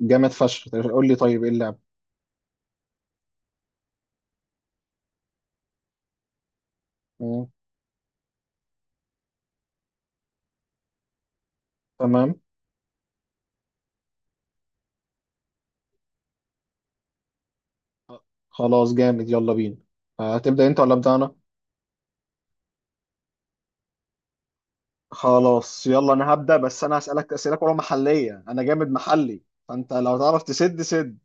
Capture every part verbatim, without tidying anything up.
جامد فشخ. قول لي طيب، ايه اللعبة؟ مم. تمام. خلاص جامد، يلا بينا. هتبدأ انت ولا أبدأ انا؟ خلاص يلا، انا هبدأ. بس انا هسألك أسئلة كلها محلية، انا جامد محلي. فانت لو تعرف تسد سد.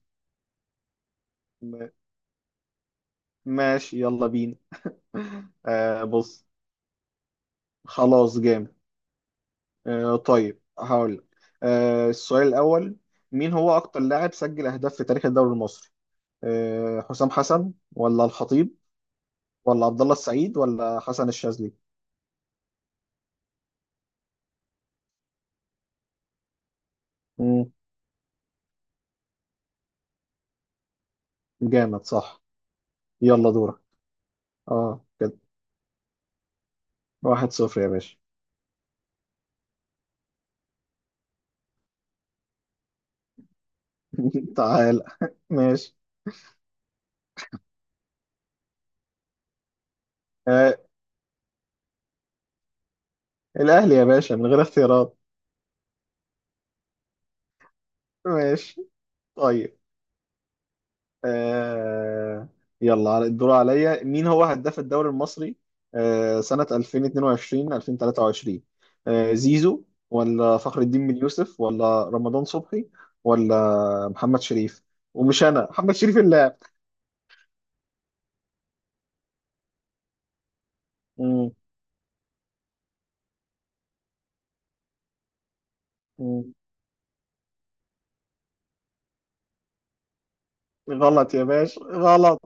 م- ماشي يلا بينا. آه بص. خلاص جامد. آه طيب هقول لك آه السؤال الأول. مين هو أكتر لاعب سجل أهداف في تاريخ الدوري المصري؟ آه حسام حسن ولا الخطيب، ولا عبد الله السعيد ولا حسن الشاذلي؟ مم، جامد، صح. يلا دورك. اه كده. واحد صفر يا باشا. تعال ماشي. آه. الأهلي يا باشا، من غير اختيارات. ماشي. طيب. آه. يلا، على- الدور عليا. مين هو هداف الدوري المصري آه. سنة ألفين واتنين وعشرين ألفين وتلاتة وعشرين؟ آه. زيزو، ولا فخر الدين بن يوسف، ولا رمضان صبحي، ولا محمد شريف؟ ومش أنا محمد شريف اللاعب. مم. مم. غلط يا باشا، غلط.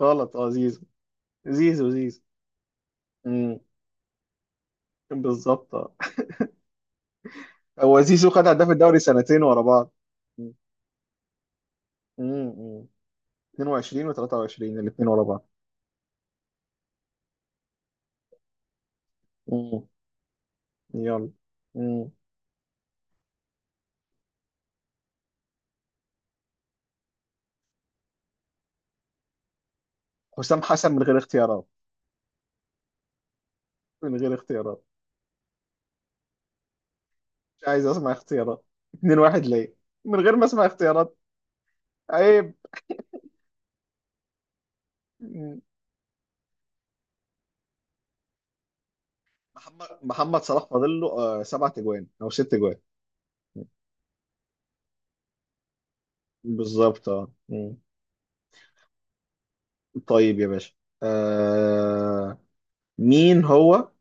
غلط، اه زيزو. زيزو. زيزو. بالظبط آه. هو زيزو خد هداف الدوري سنتين ورا بعض. مم. مم. اتنين وعشرين و23 الاثنين ورا بعض. مم. يلا. مم. حسام حسن من غير اختيارات. من غير اختيارات. مش عايز اسمع اختيارات. اتنين واحد ليه، من غير ما اسمع اختيارات. عيب. مم. محمد محمد صلاح فاضل له آه، سبع تجوان او ست تجوان. بالظبط اه. مم. طيب يا باشا. آه، مين هو؟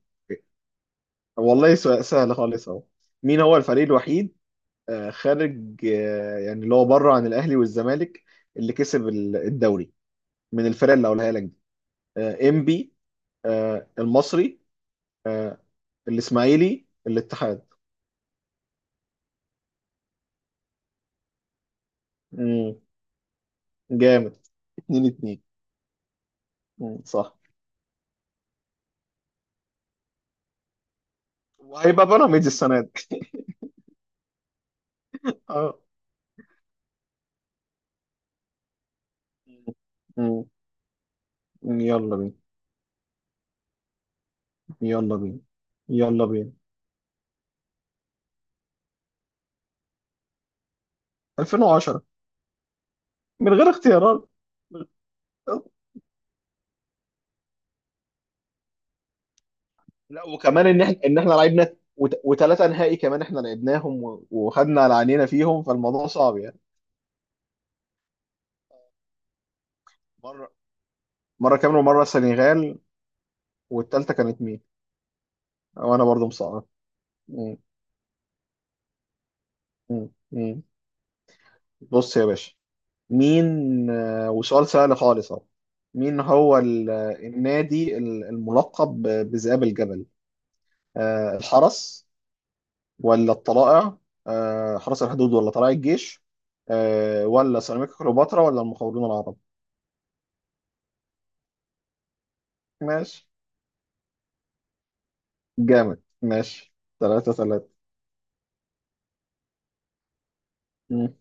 والله سؤال سهل خالص اهو. مين هو الفريق الوحيد آه، خارج، آه، يعني اللي هو بره عن الاهلي والزمالك، اللي كسب ال- الدوري من الفرق اللي هقولها لك دي؟ آه، انبي، آه، المصري، آه، الاسماعيلي، الاتحاد. مم. جامد. اتنين اتنين. مم. صح. وهيبقى بيراميدز السنه دي. اه. مم. مم. يلا بينا. يلا بينا. يلا بينا. ألفين وعشرة من غير اختيارات. لا، وكمان ان احنا ان احنا لعبنا وثلاثه نهائي كمان، احنا لعبناهم و- وخدنا على عينينا فيهم، فالموضوع صعب يعني. مره. مره كاميرون ومره السنغال. والثالثه كانت مين؟ وانا برضو مصعب. مم. مم. مم. بص يا باشا، مين؟ آه، وسؤال سهل خالص اهو. مين هو ال- النادي ال- الملقب ب- بذئاب الجبل؟ آه، الحرس ولا الطلائع؟ آه، حرس الحدود ولا طلائع الجيش؟ آه، ولا سيراميكا كليوباترا ولا المقاولون العرب؟ ماشي. جامد ماشي. ثلاثة ثلاثة. مم.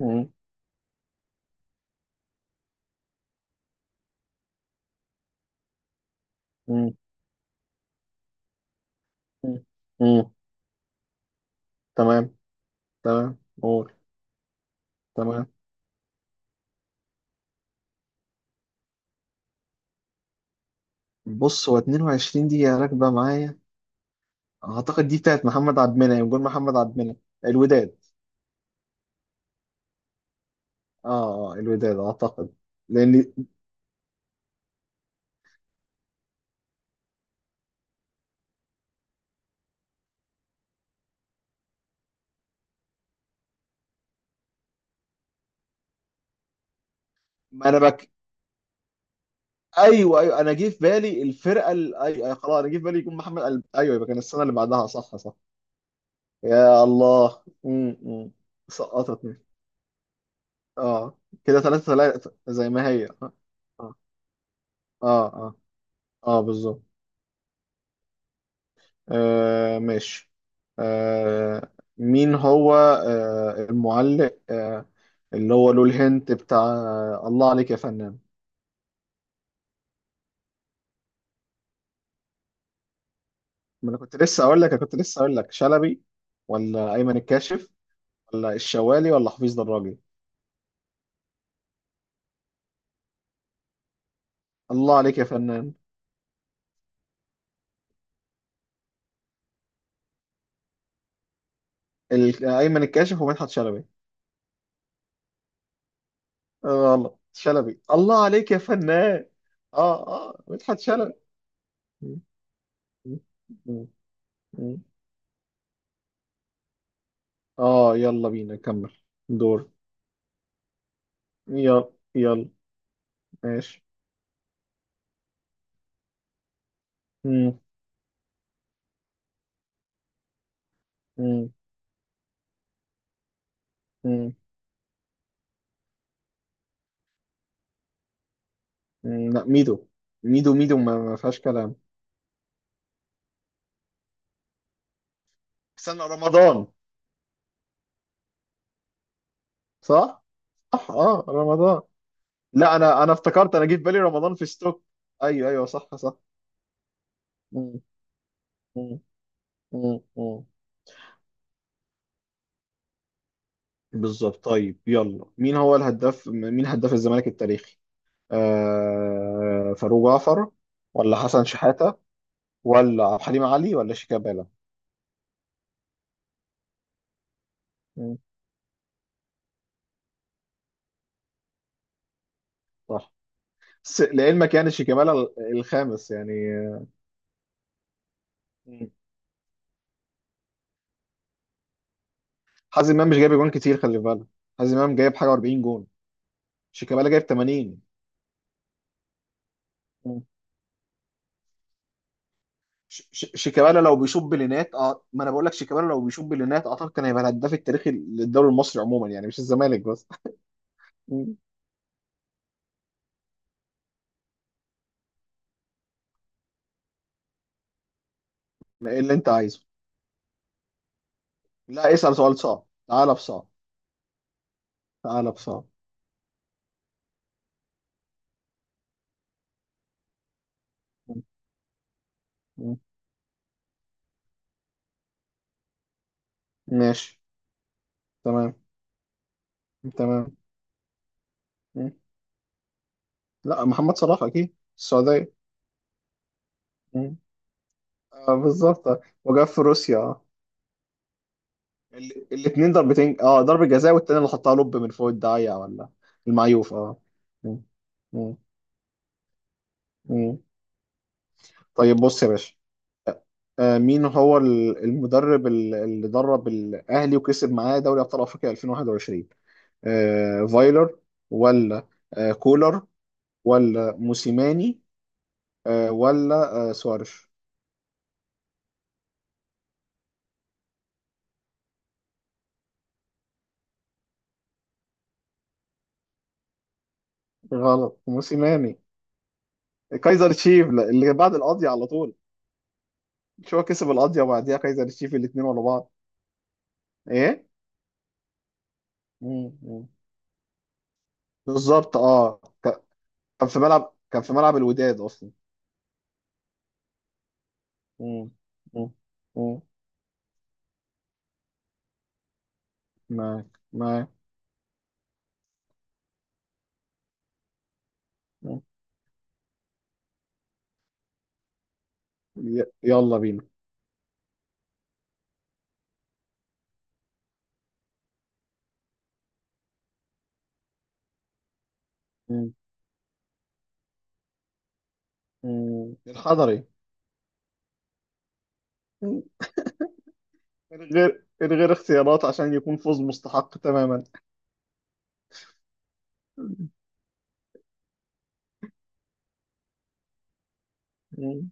مم. مم. مم. مم. تمام. تمام قول. تمام. بص، هو اتنين وعشرين دقيقة راكبة معايا. أعتقد دي بتاعت محمد عبد المنعم. يقول محمد عبد المنعم. الوداد. آه. آه الوداد أعتقد. لأن ما أنا بك. أيوه أيوه، أنا جه في بالي الفرقة ال... أيوه أيوه، خلاص أنا جه في بالي يكون محمد قلب. أيوه، يبقى كان السنة اللي بعدها. صح صح. يا الله. مم. مم. سقطتني. آه. كده ثلاثة ثلاثة زي ما هي. آه. آه آه. اه بالظبط. آه ماشي. آه، مين هو آه المعلق آه اللي هو له الهنت بتاع آه "الله عليك يا فنان"؟ ما انا كنت لسه اقول لك انا كنت لسه اقول لك شلبي ولا ايمن الكاشف، ولا الشوالي ولا حفيظ دراجي؟ "الله عليك يا فنان". ال- ايمن الكاشف ومدحت شلبي. آه، غلط. شلبي. "الله عليك يا فنان". اه اه، مدحت شلبي. م- م- م- م. اه يلا بينا كمل. دور. يلا يلا. ماشي. مم. مم. مم. مم. لا، ميدو. ميدو ميدو، ما ما فيهاش كلام. استنى، رمضان. صح؟ صح اه، رمضان. لا، انا انا افتكرت، انا جه في بالي رمضان في ستوك. ايوه ايوه صح صح. مم. مم. مم. مم. بالظبط. طيب يلا، مين هو الهداف؟ مين هداف الزمالك التاريخي؟ آه... فاروق جعفر ولا حسن شحاتة، ولا عبد الحليم علي ولا شيكابالا؟ مم. صح. س- لعلمك يعني شيكابالا الخامس يعني. حازم امام مش جايب جون كتير، خلي بالك. حازم امام جايب حاجه أربعين جون. شيكابالا جايب تمانين. مم. ش- ش- شيكابالا لو بيشوط بلينات اه ما انا بقول لك شيكابالا لو بيشوط بلينات، اعتقد كان هيبقى الهداف التاريخي للدوري المصري عموما يعني، مش الزمالك بس. مم. ايه اللي انت عايزه؟ لا، اسال سؤال صعب. تعالى بصعب تعالى بصعب. مم. مم. ماشي. تمام. تمام. مم. لا، محمد صلاح اكيد، السعوديه. مم. آه، بالظبط وجاب في روسيا. ال- الاتنين ضربتين، اه. ضربة جزاء، والتاني اللي حطها لوب من فوق الداعية ولا المعيوف اه. مم. مم. مم. طيب بص يا باشا. آه، مين هو ال- المدرب ال- اللي درب الأهلي وكسب معاه دوري أبطال أفريقيا ألفين وواحد وعشرين؟ آه فايلر ولا آه كولر، ولا موسيماني آه ولا آه سوارش؟ غلط. موسيماني. كايزر تشيف، لا، اللي بعد القضية على طول. مش هو كسب القضية وبعديها كايزر تشيف الاتنين ورا بعض؟ ايه. مم. بالظبط اه. ك- كان في ملعب كان في ملعب الوداد اصلا. مم. مم. مم. معاك. معاك. مم. ي- يلا بينا. مم. مم. الحضري. مم. من غير من غير اختيارات عشان يكون فوز مستحق تماما. مم.